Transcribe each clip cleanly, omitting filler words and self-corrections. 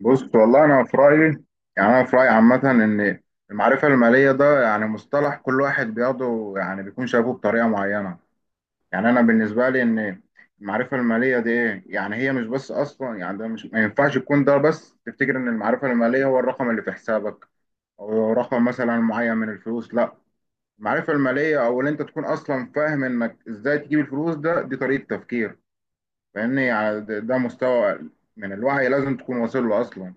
بص والله انا في رايي، يعني في رايي عامه ان المعرفه الماليه ده يعني مصطلح كل واحد بياخده، يعني بيكون شايفه بطريقه معينه. يعني انا بالنسبه لي ان المعرفه الماليه دي ايه؟ يعني هي مش بس اصلا، يعني ده مش، ما ينفعش تكون ده بس، تفتكر ان المعرفه الماليه هو الرقم اللي في حسابك او رقم مثلا معين من الفلوس. لا، المعرفه الماليه او ان انت تكون اصلا فاهم انك ازاي تجيب الفلوس، ده دي طريقه تفكير. فاهمني؟ يعني ده مستوى من الوعي لازم تكون واصل له اصلا.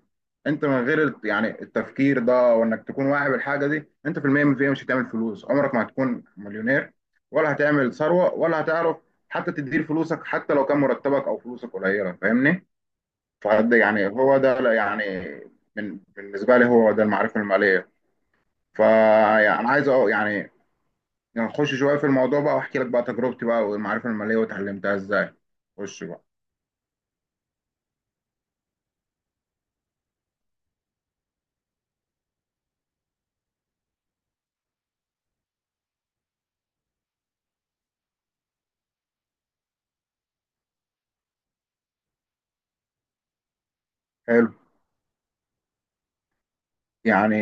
انت من غير التفكير ده وانك تكون واعي بالحاجه دي، انت في المية من المية مش هتعمل فلوس، عمرك ما هتكون مليونير ولا هتعمل ثروه ولا هتعرف حتى تدير فلوسك، حتى لو كان مرتبك او فلوسك قليله. فاهمني؟ فده يعني هو ده، لا، يعني من بالنسبه لي هو ده المعرفه الماليه. فانا عايز نخش شويه في الموضوع بقى، واحكي لك بقى تجربتي بقى، والمعرفه الماليه وتعلمتها ازاي. خش بقى. حلو، يعني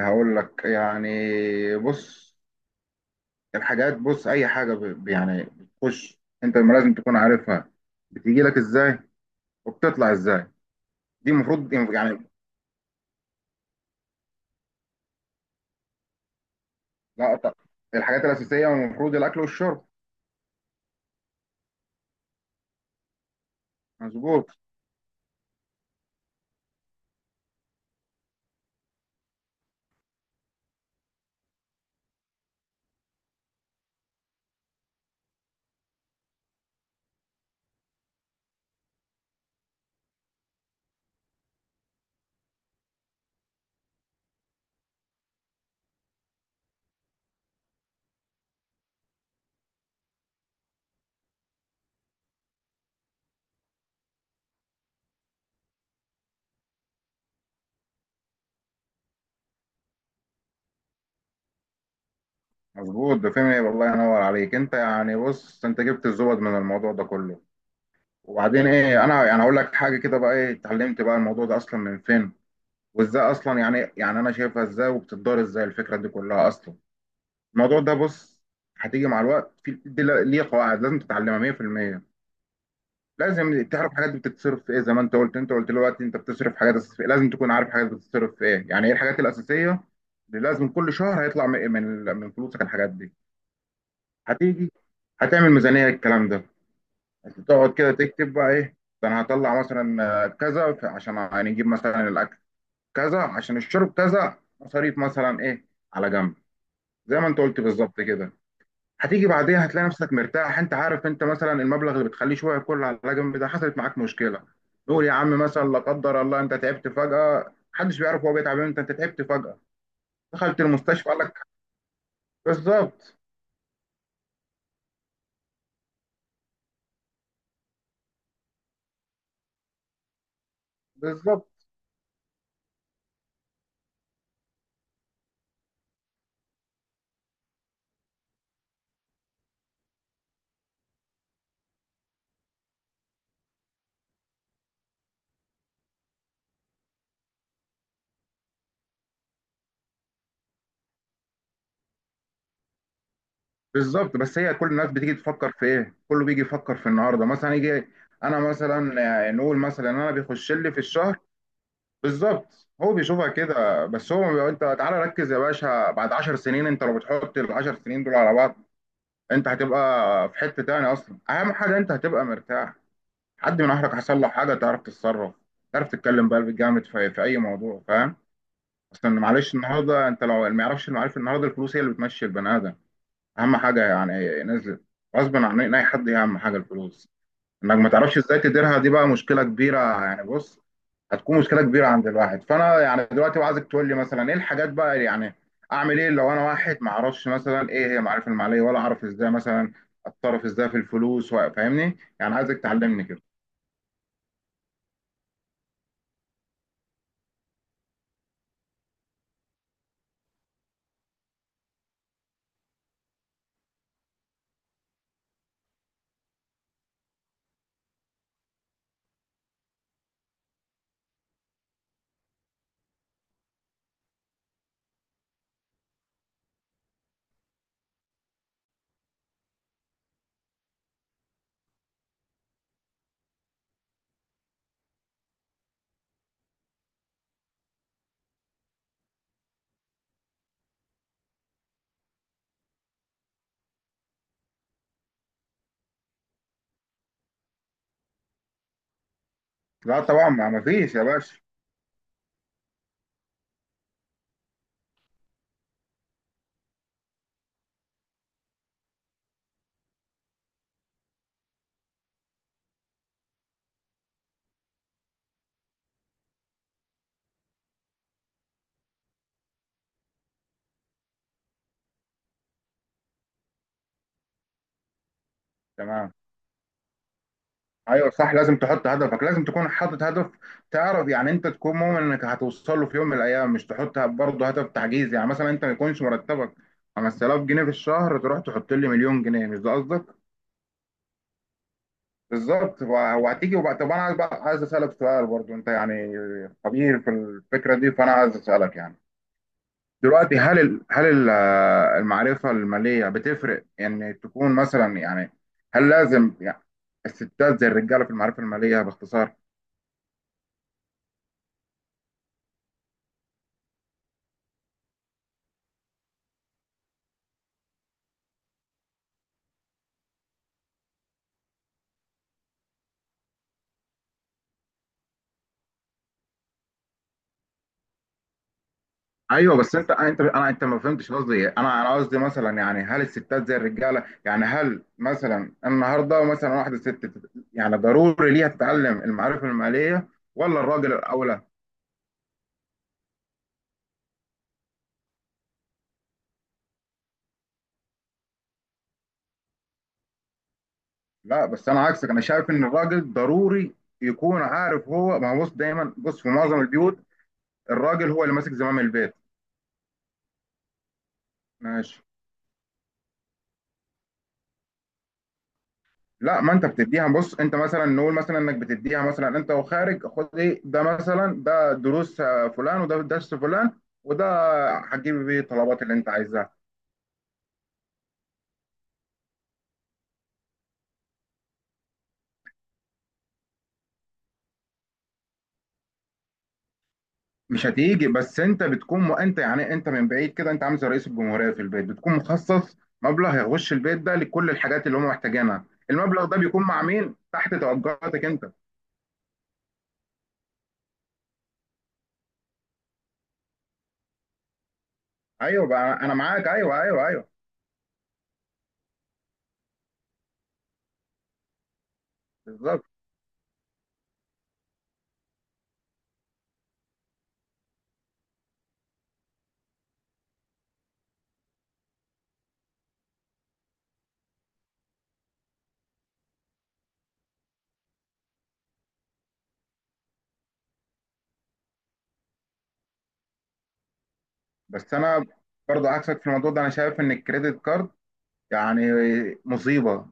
هقول لك، يعني بص، الحاجات بص، اي حاجه بتخش انت ما لازم تكون عارفها بتيجي لك ازاي وبتطلع ازاي، دي المفروض يعني. لا، الحاجات الاساسيه المفروض الاكل والشرب. مظبوط. مظبوط، ده فهمني والله، ينور عليك انت، يعني بص، انت جبت الزبد من الموضوع ده كله. وبعدين ايه، انا يعني هقول لك حاجه كده بقى، ايه اتعلمت بقى الموضوع ده اصلا من فين، وازاي اصلا يعني، يعني انا شايفها ازاي وبتدار ازاي الفكره دي كلها اصلا. الموضوع ده بص، هتيجي مع الوقت. في دي ليه قواعد لازم تتعلمها 100%. لازم تعرف حاجات بتتصرف في ايه، زي ما انت قلت، انت قلت دلوقتي انت بتصرف حاجات أساسية. لازم تكون عارف حاجات بتتصرف في ايه، يعني ايه الحاجات الاساسيه اللي لازم كل شهر هيطلع من من فلوسك الحاجات دي. هتيجي هتعمل ميزانيه، الكلام ده انت تقعد كده تكتب بقى، ايه ده، انا هطلع مثلا كذا، عشان هنجيب مثلا الاكل كذا، عشان الشرب كذا، مصاريف مثلا ايه على جنب، زي ما انت قلت بالظبط كده. هتيجي بعديها هتلاقي نفسك مرتاح، انت عارف انت مثلا المبلغ اللي بتخليه شويه كله على جنب ده، حصلت معاك مشكله، نقول يا عم مثلا لا قدر الله انت تعبت فجاه، محدش بيعرف هو بيتعب امتى، انت تعبت فجاه دخلت المستشفى قال لك. بالظبط. بالظبط. بالظبط، بس هي كل الناس بتيجي تفكر في ايه، كله بيجي يفكر في النهارده، مثلا يجي انا مثلا، نقول مثلا انا بيخش لي في الشهر. بالظبط، هو بيشوفها كده، انت تعالى ركز يا باشا، بعد 10 سنين انت لو بتحط ال 10 سنين دول على بعض، انت هتبقى في حتة تاني اصلا. اهم حاجة انت هتبقى مرتاح، حد من اهلك حصل له حاجة تعرف تتصرف، تعرف تتكلم بقلب جامد في, في اي موضوع. فاهم؟ اصلا معلش النهاردة انت لو ما يعرفش المعارف، النهاردة الفلوس هي اللي بتمشي البني ادم، اهم حاجة، يعني نزلت غصب عن اي حد، هي اهم حاجة الفلوس. انك ما تعرفش ازاي تديرها دي بقى مشكله كبيره. يعني بص، هتكون مشكله كبيره عند الواحد. فانا يعني دلوقتي بقى عايزك تقول لي مثلا ايه الحاجات بقى اللي يعني اعمل ايه لو انا واحد ما اعرفش مثلا ايه هي المعرفه الماليه، ولا اعرف ازاي مثلا اتصرف ازاي في الفلوس فاهمني، يعني عايزك تعلمني كده. لا طبعا، ما فيش يا باشا. تمام. ايوه صح، لازم تحط هدفك، لازم تكون حاطط هدف تعرف يعني، انت تكون مؤمن انك هتوصل له في يوم من الايام، مش تحط برضه هدف تعجيزي، يعني مثلا انت ما يكونش مرتبك 5000 جنيه في الشهر تروح تحط لي 1000000 جنيه. مش ده قصدك؟ بالظبط. وهتيجي وبقى طب انا عايز بقى، عايز اسالك سؤال برضه، انت يعني خبير في الفكره دي، فانا عايز اسالك يعني دلوقتي هل المعرفه الماليه بتفرق؟ ان تكون مثلا يعني، هل لازم يعني الستات زي الرجاله في المعرفه الماليه؟ باختصار. ايوه بس انت ما فهمتش قصدي إيه. انا قصدي مثلا يعني، هل الستات زي الرجاله، يعني هل مثلا النهارده مثلا واحده ست ضروري ليها تتعلم المعرفه الماليه، ولا الراجل الاولى؟ لا بس انا عكسك، انا شايف ان الراجل ضروري يكون عارف، هو ما هو بص، دايما بص في معظم البيوت الراجل هو اللي ماسك زمام البيت. ماشي. لا، ما انت بتديها، بص انت مثلا، نقول مثلا انك بتديها مثلا انت وخارج، خد ايه ده مثلا، ده دروس فلان، وده درس فلان، وده هتجيب بيه الطلبات اللي انت عايزها. مش هتيجي، بس انت بتكون انت يعني انت من بعيد كده، انت عامل زي رئيس الجمهوريه في البيت، بتكون مخصص مبلغ يخش البيت ده لكل الحاجات اللي هم محتاجينها، المبلغ ده بيكون مع مين؟ تحت توجهاتك انت. ايوه بقى انا معاك، ايوه، ايوه، ايوه. بالظبط. بس انا برضو عكسك في الموضوع ده، انا شايف ان الكريدت كارد يعني مصيبه.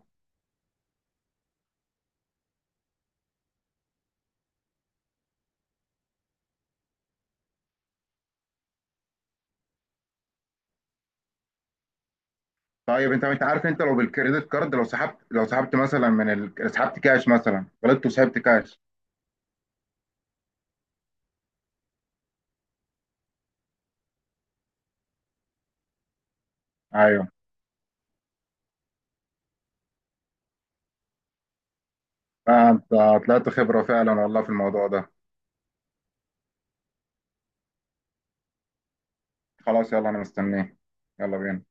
طيب انت عارف انت لو بالكريدت كارد، لو سحبت، لو سحبت مثلا سحبت كاش مثلا، غلطت وسحبت كاش. ايوه. فانت طلعت خبره فعلا والله في الموضوع ده. خلاص يلا، انا مستنيه. يلا بينا.